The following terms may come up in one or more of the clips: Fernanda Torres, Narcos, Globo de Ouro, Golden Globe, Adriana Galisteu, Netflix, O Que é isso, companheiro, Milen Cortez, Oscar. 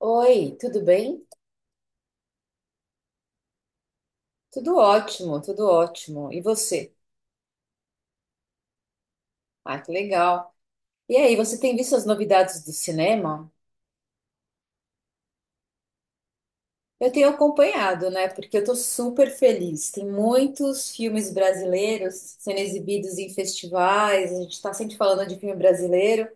Oi, tudo bem? Tudo ótimo, tudo ótimo. E você? Ah, que legal. E aí, você tem visto as novidades do cinema? Eu tenho acompanhado, né? Porque eu tô super feliz. Tem muitos filmes brasileiros sendo exibidos em festivais, a gente tá sempre falando de filme brasileiro.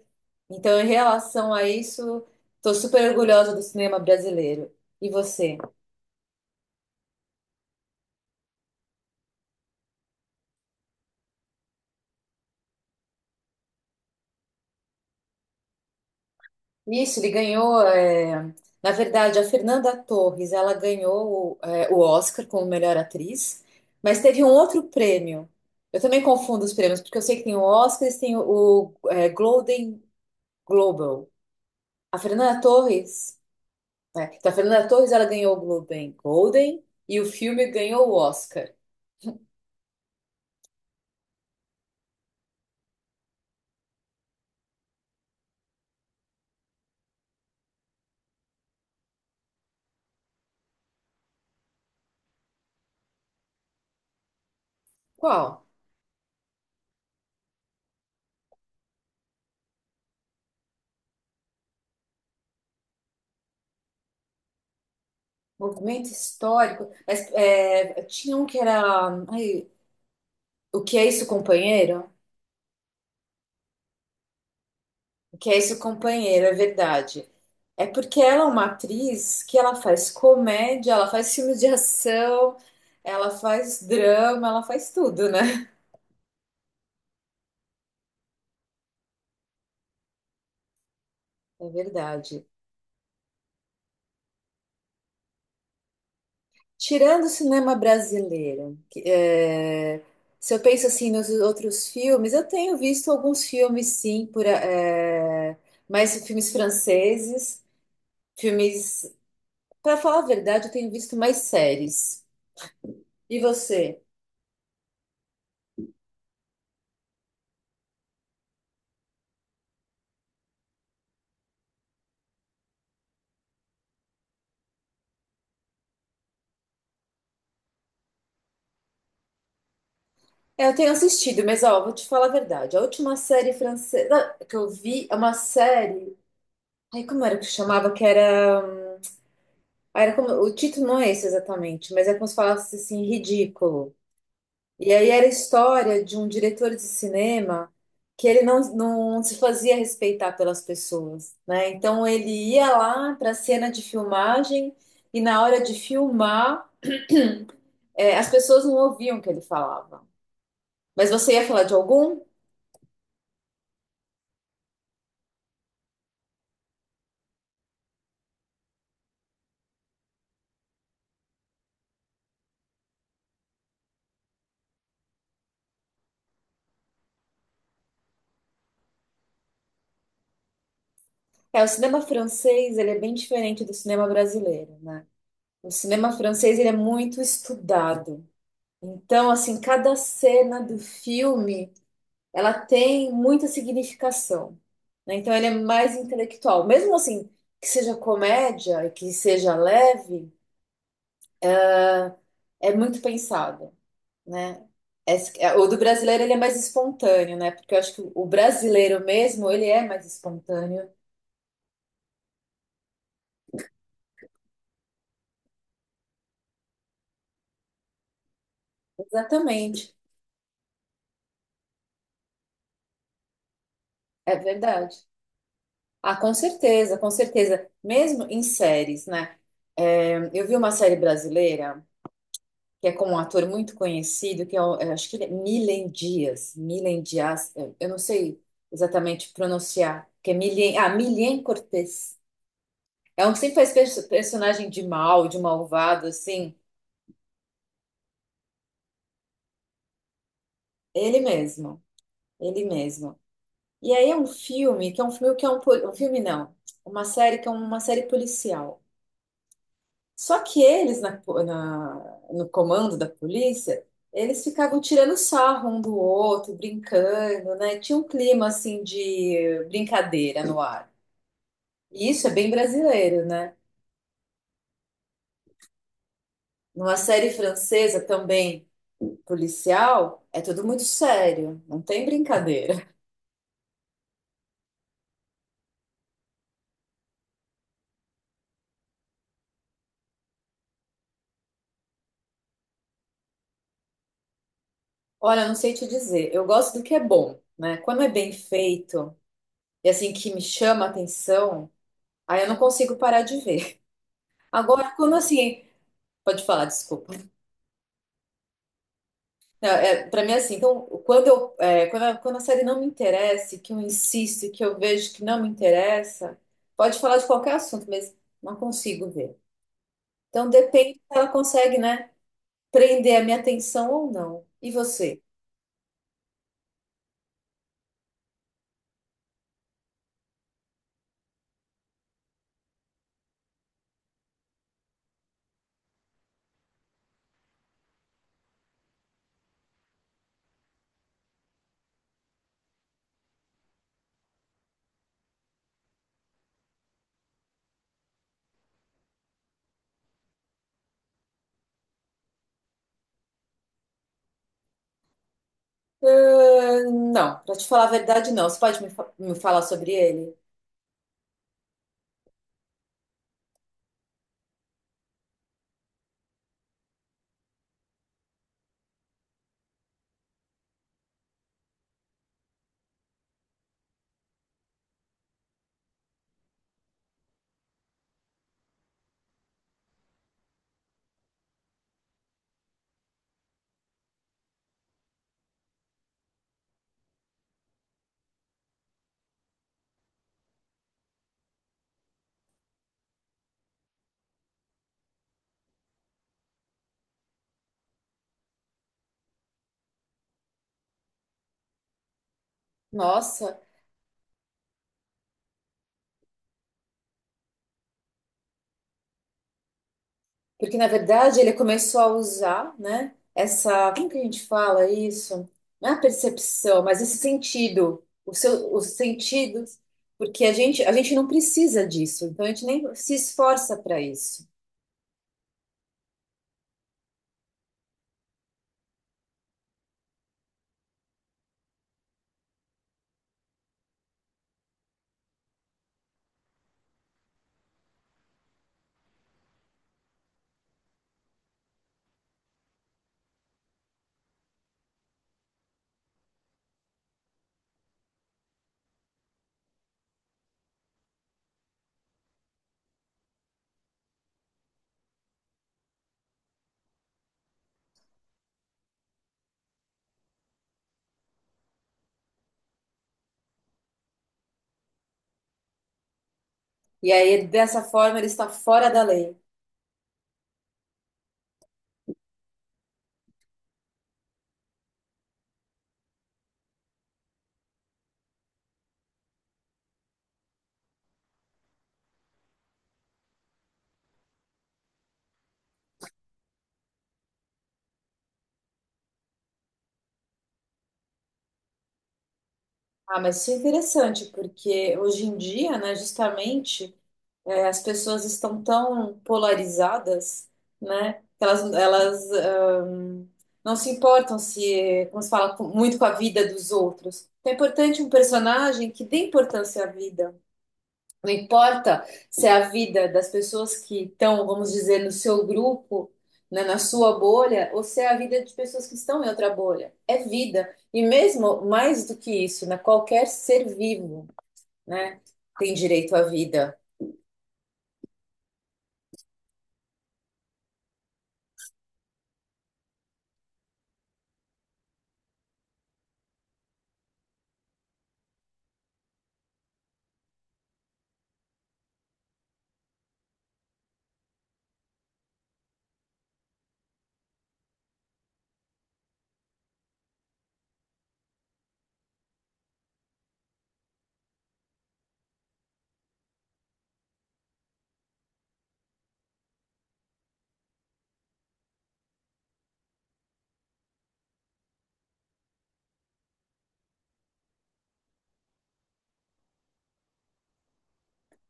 Então, em relação a isso, tô super orgulhosa do cinema brasileiro. E você? Isso, ele ganhou. Na verdade, a Fernanda Torres, ela ganhou o, o Oscar como melhor atriz, mas teve um outro prêmio. Eu também confundo os prêmios, porque eu sei que tem o Oscar e tem o Golden Globe. A Fernanda Torres, né, então, a Fernanda Torres, ela ganhou o Golden Golden e o filme ganhou o Oscar. Qual? Movimento histórico. Mas é, tinha um que era. Ai, o que é isso, companheiro? O que é isso, companheiro, é verdade. É porque ela é uma atriz que ela faz comédia, ela faz filme de ação, ela faz drama, ela faz tudo, né? É verdade. Tirando o cinema brasileiro, que, é, se eu penso assim nos outros filmes, eu tenho visto alguns filmes, sim, por, é, mais filmes franceses, filmes. Para falar a verdade, eu tenho visto mais séries. E você? É, eu tenho assistido, mas ó, vou te falar a verdade. A última série francesa que eu vi é uma série. Ai, como era que chamava? Que era. Era como O título não é esse exatamente, mas é como se falasse assim, ridículo. E aí era a história de um diretor de cinema que ele não se fazia respeitar pelas pessoas, né? Então ele ia lá para a cena de filmagem e na hora de filmar, é, as pessoas não ouviam o que ele falava. Mas você ia falar de algum? É, o cinema francês, ele é bem diferente do cinema brasileiro, né? O cinema francês, ele é muito estudado. Então, assim, cada cena do filme, ela tem muita significação, né? Então, ele é mais intelectual. Mesmo assim, que seja comédia e que seja leve, é muito pensado, né? O do brasileiro, ele é mais espontâneo, né? Porque eu acho que o brasileiro mesmo, ele é mais espontâneo. Exatamente, é verdade. Ah, com certeza, com certeza. Mesmo em séries, né? É, eu vi uma série brasileira que é com um ator muito conhecido, que é, acho que ele é Milen Dias. Milen Dias, é, eu não sei exatamente pronunciar, que é Milen, ah, Milen Cortez. É um que sempre faz personagem de mal, de malvado, assim. Ele mesmo, ele mesmo. E aí é um filme, que é um filme que é um filme não, uma série que é uma série policial. Só que eles, no comando da polícia, eles ficavam tirando sarro um do outro, brincando, né? Tinha um clima, assim, de brincadeira no ar. E isso é bem brasileiro, né? Numa série francesa também, policial, é tudo muito sério, não tem brincadeira. Olha, eu não sei te dizer, eu gosto do que é bom, né? Quando é bem feito e, assim, que me chama a atenção, aí eu não consigo parar de ver. Agora, quando, assim, pode falar, desculpa. Não, é, para mim é assim, então, quando quando a série não me interessa, e que eu insisto, e que eu vejo que não me interessa, pode falar de qualquer assunto, mas não consigo ver. Então depende se ela consegue, né, prender a minha atenção ou não. E você? Ah, não, para te falar a verdade, não. Você pode me falar sobre ele? Nossa, porque, na verdade, ele começou a usar, né, essa, como que a gente fala isso? Não é a percepção, mas esse sentido, os sentidos, porque a gente não precisa disso, então a gente nem se esforça para isso. E aí, dessa forma, ele está fora da lei. Ah, mas isso é interessante, porque hoje em dia, né, justamente. É, as pessoas estão tão polarizadas, né? Que elas, elas não se importam se, como se fala, muito com a vida dos outros. Então é importante um personagem que dê importância à vida. Não importa se é a vida das pessoas que estão, vamos dizer, no seu grupo, né, na sua bolha, ou se é a vida de pessoas que estão em outra bolha. É vida. E mesmo mais do que isso, né? Qualquer ser vivo, né, tem direito à vida.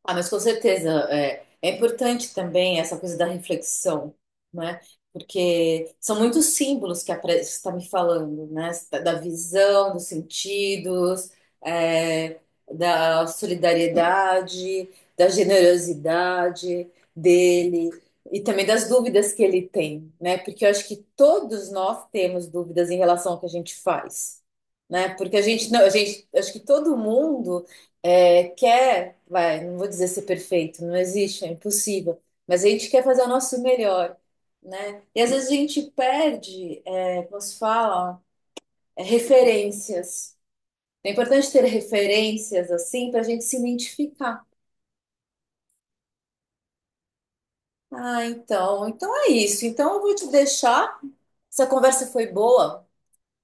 Ah, mas com certeza é, é importante também essa coisa da reflexão, né? Porque são muitos símbolos que você está me falando, né? Da visão, dos sentidos, é, da solidariedade, da generosidade dele e também das dúvidas que ele tem, né? Porque eu acho que todos nós temos dúvidas em relação ao que a gente faz, né? Porque a gente não, a gente, acho que todo mundo é, quer, vai, não vou dizer ser perfeito, não existe, é impossível, mas a gente quer fazer o nosso melhor, né? E às vezes a gente perde, é, como se fala, é, referências. É importante ter referências assim para a gente se identificar. Ah, então, então é isso. Então eu vou te deixar. Essa conversa foi boa,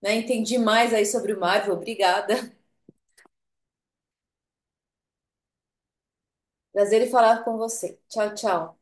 né? Entendi mais aí sobre o Marvel. Obrigada. Prazer em falar com você. Tchau, tchau.